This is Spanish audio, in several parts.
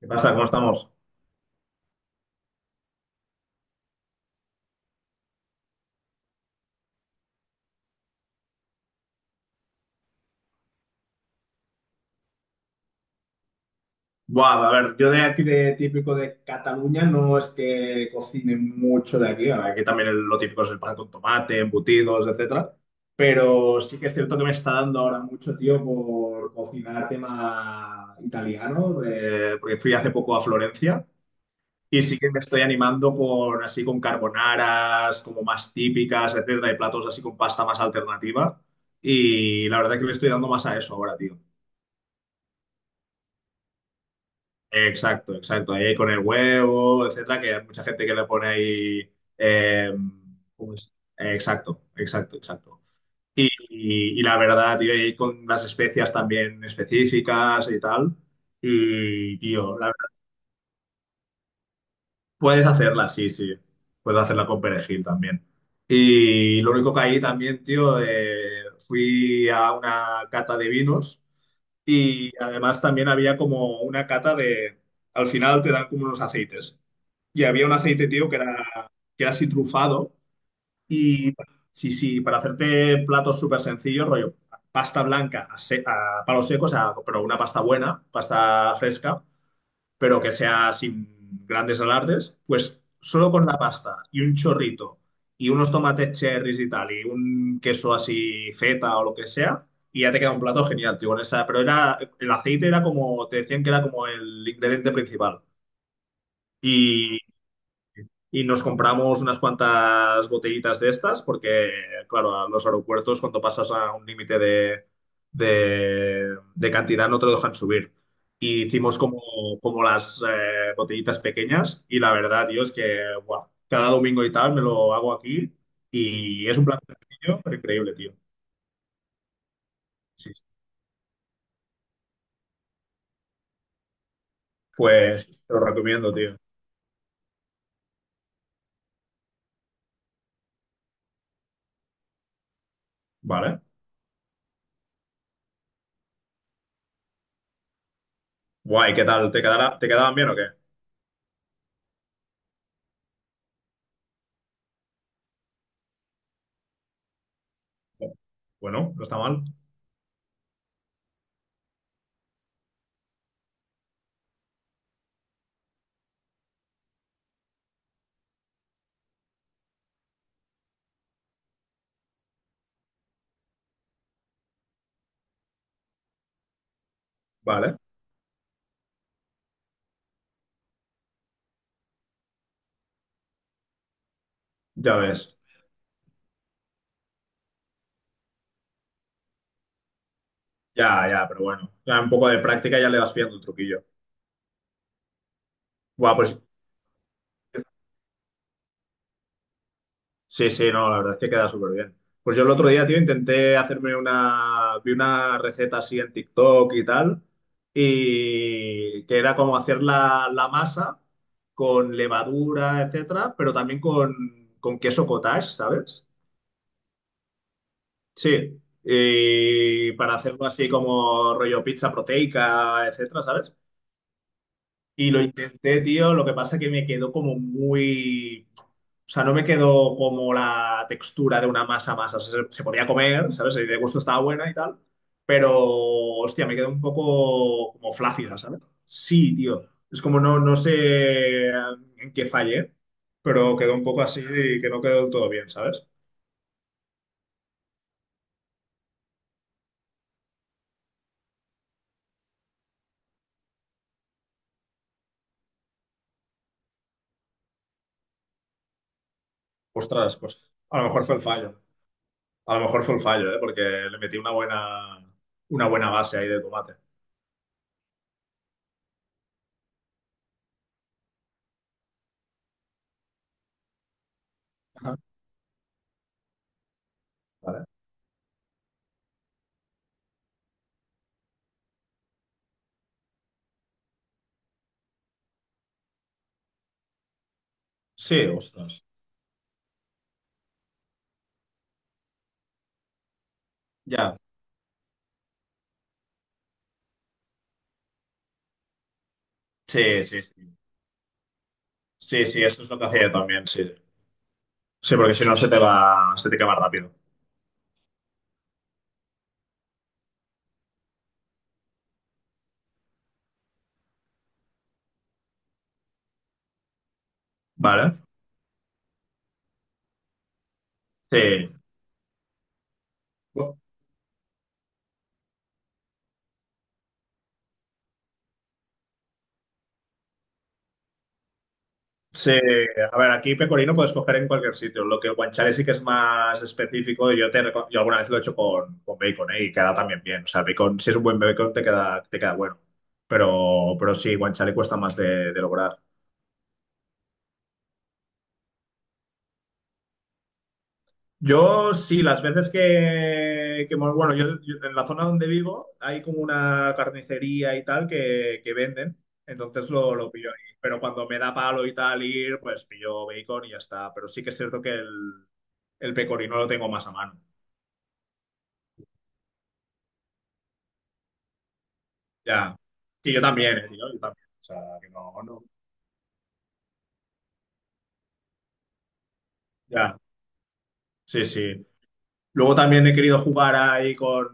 ¿Qué pasa? ¿Cómo estamos? Buah, a ver, yo de aquí de típico de Cataluña no es que cocine mucho de aquí. Ahora, aquí también lo típico es el pan con tomate, embutidos, etcétera. Pero sí que es cierto que me está dando ahora mucho, tío, por cocinar tema italiano, porque fui hace poco a Florencia y sí que me estoy animando con así con carbonaras como más típicas, etcétera, y platos así con pasta más alternativa. Y la verdad que me estoy dando más a eso ahora, tío. Exacto, exacto. Ahí con el huevo, etcétera, que hay mucha gente que le pone ahí. eh, ¿Cómo es? Exacto, exacto, exacto. Y la verdad, tío, y con las especias también específicas y tal. Y, tío, la verdad, puedes hacerla, sí, sí. Puedes hacerla con perejil también. Y lo único que ahí también, tío, fui a una cata de vinos y además también había como una cata de. Al final te dan como unos aceites. Y había un aceite, tío, que era así trufado. Y sí, sí, para hacerte platos súper sencillos, rollo, pasta blanca a palos secos, a- pero una pasta buena, pasta fresca, pero que sea sin grandes alardes, pues solo con la pasta y un chorrito y unos tomates cherries y tal, y un queso así feta o lo que sea. Y ya te queda un plato genial, tío, con esa. Pero era, el aceite era como, te decían que era como el ingrediente principal. Y, y nos compramos unas cuantas botellitas de estas, porque, claro, a los aeropuertos cuando pasas a un límite de cantidad no te lo dejan subir. Y hicimos como, como las botellitas pequeñas y la verdad, tío, es que buah, cada domingo y tal me lo hago aquí y es un plan sencillo, pero increíble, tío. Sí, sí. Pues te lo recomiendo, tío. Vale. Guay, ¿qué tal? ¿Te quedará, te quedaban bien o qué? Bueno, no está mal. Vale, ya ves. Ya, ya, pero bueno, ya un poco de práctica ya le vas pillando el truquillo. Guau, pues sí, sí, no, la verdad es que queda súper bien. Pues yo el otro día, tío, intenté hacerme una, vi una receta así en TikTok y tal, y que era como hacer la masa con levadura, etcétera, pero también con queso cottage, ¿sabes? Sí, y para hacerlo así como rollo pizza proteica, etcétera, ¿sabes? Y lo intenté, tío, lo que pasa que me quedó como muy... O sea, no me quedó como la textura de una masa masa. O sea, se podía comer, ¿sabes? Y de gusto estaba buena y tal. Pero, hostia, me quedó un poco como flácida, ¿sabes? Sí, tío. Es como no, no sé en qué fallé, pero quedó un poco así y que no quedó del todo bien, ¿sabes? Ostras, pues a lo mejor fue el fallo. A lo mejor fue el fallo, ¿eh? Porque le metí una buena base ahí de tomate. Ajá. Vale. Sí, ostras. Ya. Sí, sí, sí. Sí, sí, eso es lo que hacía yo también, sí. Sí, porque si no se te va, se te quema rápido. Vale. Sí. Bu- sí, a ver, aquí pecorino puedes coger en cualquier sitio. Lo que el guanciale sí que es más específico, yo alguna vez lo he hecho con bacon, ¿eh? Y queda también bien. O sea, el bacon, si es un buen bacon, te queda bueno. Pero sí, guanciale cuesta más de lograr. Yo sí, las veces bueno, en la zona donde vivo hay como una carnicería y tal que venden, entonces lo pillo ahí. Pero cuando me da palo y tal ir, pues pillo bacon y ya está. Pero sí que es cierto que el pecorino lo tengo más a mano. Ya. Sí, yo también, tío, yo también. O sea, que no, no. Ya. Sí, sí. Luego también he querido jugar ahí con,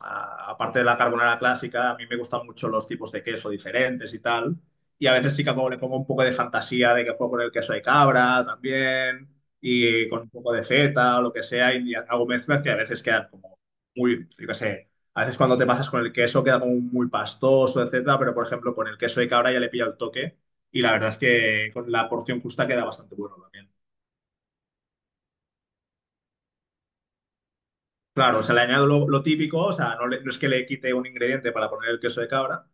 a- aparte de la carbonara clásica, a mí me gustan mucho los tipos de queso diferentes y tal. Y a veces sí que como le pongo un poco de fantasía de que juego con el queso de cabra también y con un poco de feta o lo que sea y hago mezclas que a veces quedan como muy, yo qué sé, a veces cuando te pasas con el queso queda como muy pastoso, etcétera, pero por ejemplo con el queso de cabra ya le pilla el toque y la verdad es que con la porción justa queda bastante bueno también. Claro, o sea, le añado lo típico, o sea, no, le- no es que le quite un ingrediente para poner el queso de cabra,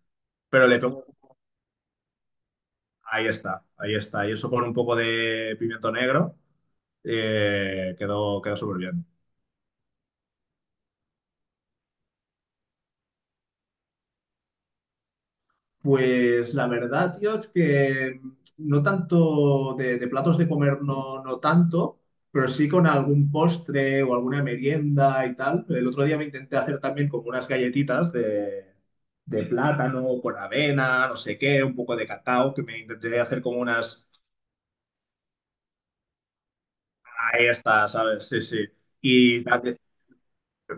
pero le pongo, ahí está, y eso con un poco de pimiento negro, quedó, quedó súper bien. Pues la verdad, tío, es que no tanto de platos de comer, no, no tanto, pero sí con algún postre o alguna merienda y tal. El otro día me intenté hacer también como unas galletitas de plátano con avena, no sé qué, un poco de cacao, que me intenté hacer como unas... Ahí está, ¿sabes? Sí, sí. Y la- que-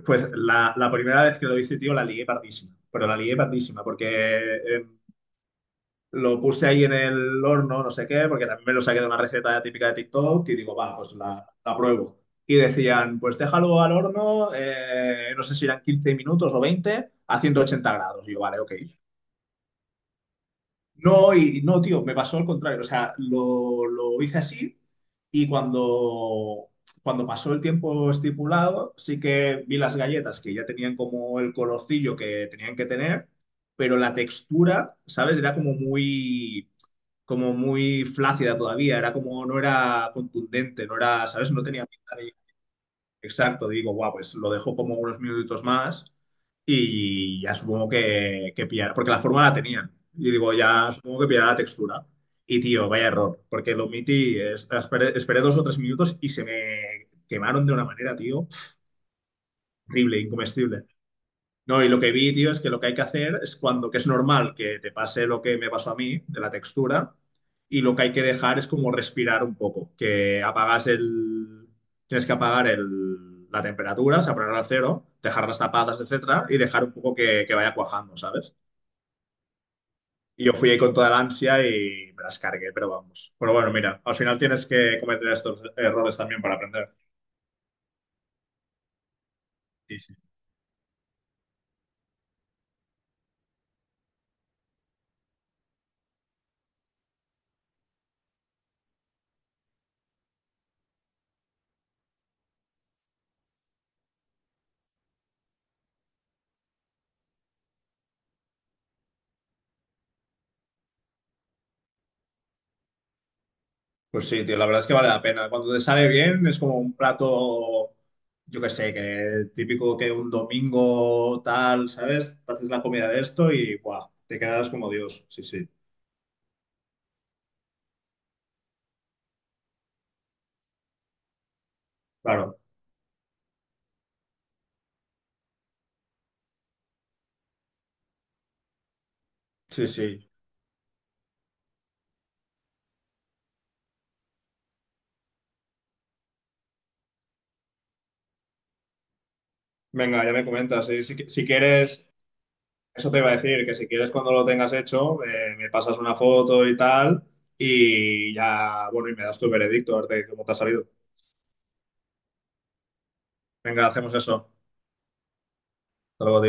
pues la primera vez que lo hice, tío, la lié pardísima, pero la lié pardísima, porque eh, lo puse ahí en el horno, no sé qué, porque también me lo saqué de una receta típica de TikTok y digo, va, pues la pruebo. Y decían, pues déjalo al horno, no sé si eran 15 minutos o 20 a 180 grados. Y yo, vale, ok. No, y no, tío, me pasó al contrario. O sea, lo hice así y cuando, cuando pasó el tiempo estipulado, sí que vi las galletas que ya tenían como el colorcillo que tenían que tener, pero la textura, ¿sabes? Era como muy flácida todavía, era como, no era contundente, no era, ¿sabes? No tenía pinta de... Exacto, digo, guau, pues lo dejo como unos minutitos más y ya supongo que pillará, porque la forma la tenían. Y digo, ya supongo que pillará la textura. Y tío, vaya error, porque lo omití, es- esperé, esperé 2 o 3 minutos y se me quemaron de una manera, tío, horrible, incomestible. No, y lo que vi, tío, es que lo que hay que hacer es cuando, que es normal que te pase lo que me pasó a mí, de la textura, y lo que hay que dejar es como respirar un poco, que apagas el, tienes que apagar el, la temperatura, o sea, ponerla a cero, dejar las tapadas, etcétera, y dejar un poco que vaya cuajando, ¿sabes? Y yo fui ahí con toda la ansia y me las cargué, pero vamos. Pero bueno, mira, al final tienes que cometer estos errores también para aprender. Sí, sí. Pues sí, tío, la verdad es que vale la pena. Cuando te sale bien, es como un plato, yo qué sé, que típico que un domingo tal, ¿sabes? Te haces la comida de esto y ¡buah! Te quedas como Dios. Sí, sí. Claro, sí, sí. Venga, ya me comentas. Si, qui- si quieres, eso te iba a decir, que si quieres cuando lo tengas hecho, me pasas una foto y tal, y ya, bueno, y me das tu veredicto, a ver de cómo te ha salido. Venga, hacemos eso. Hasta luego, tío.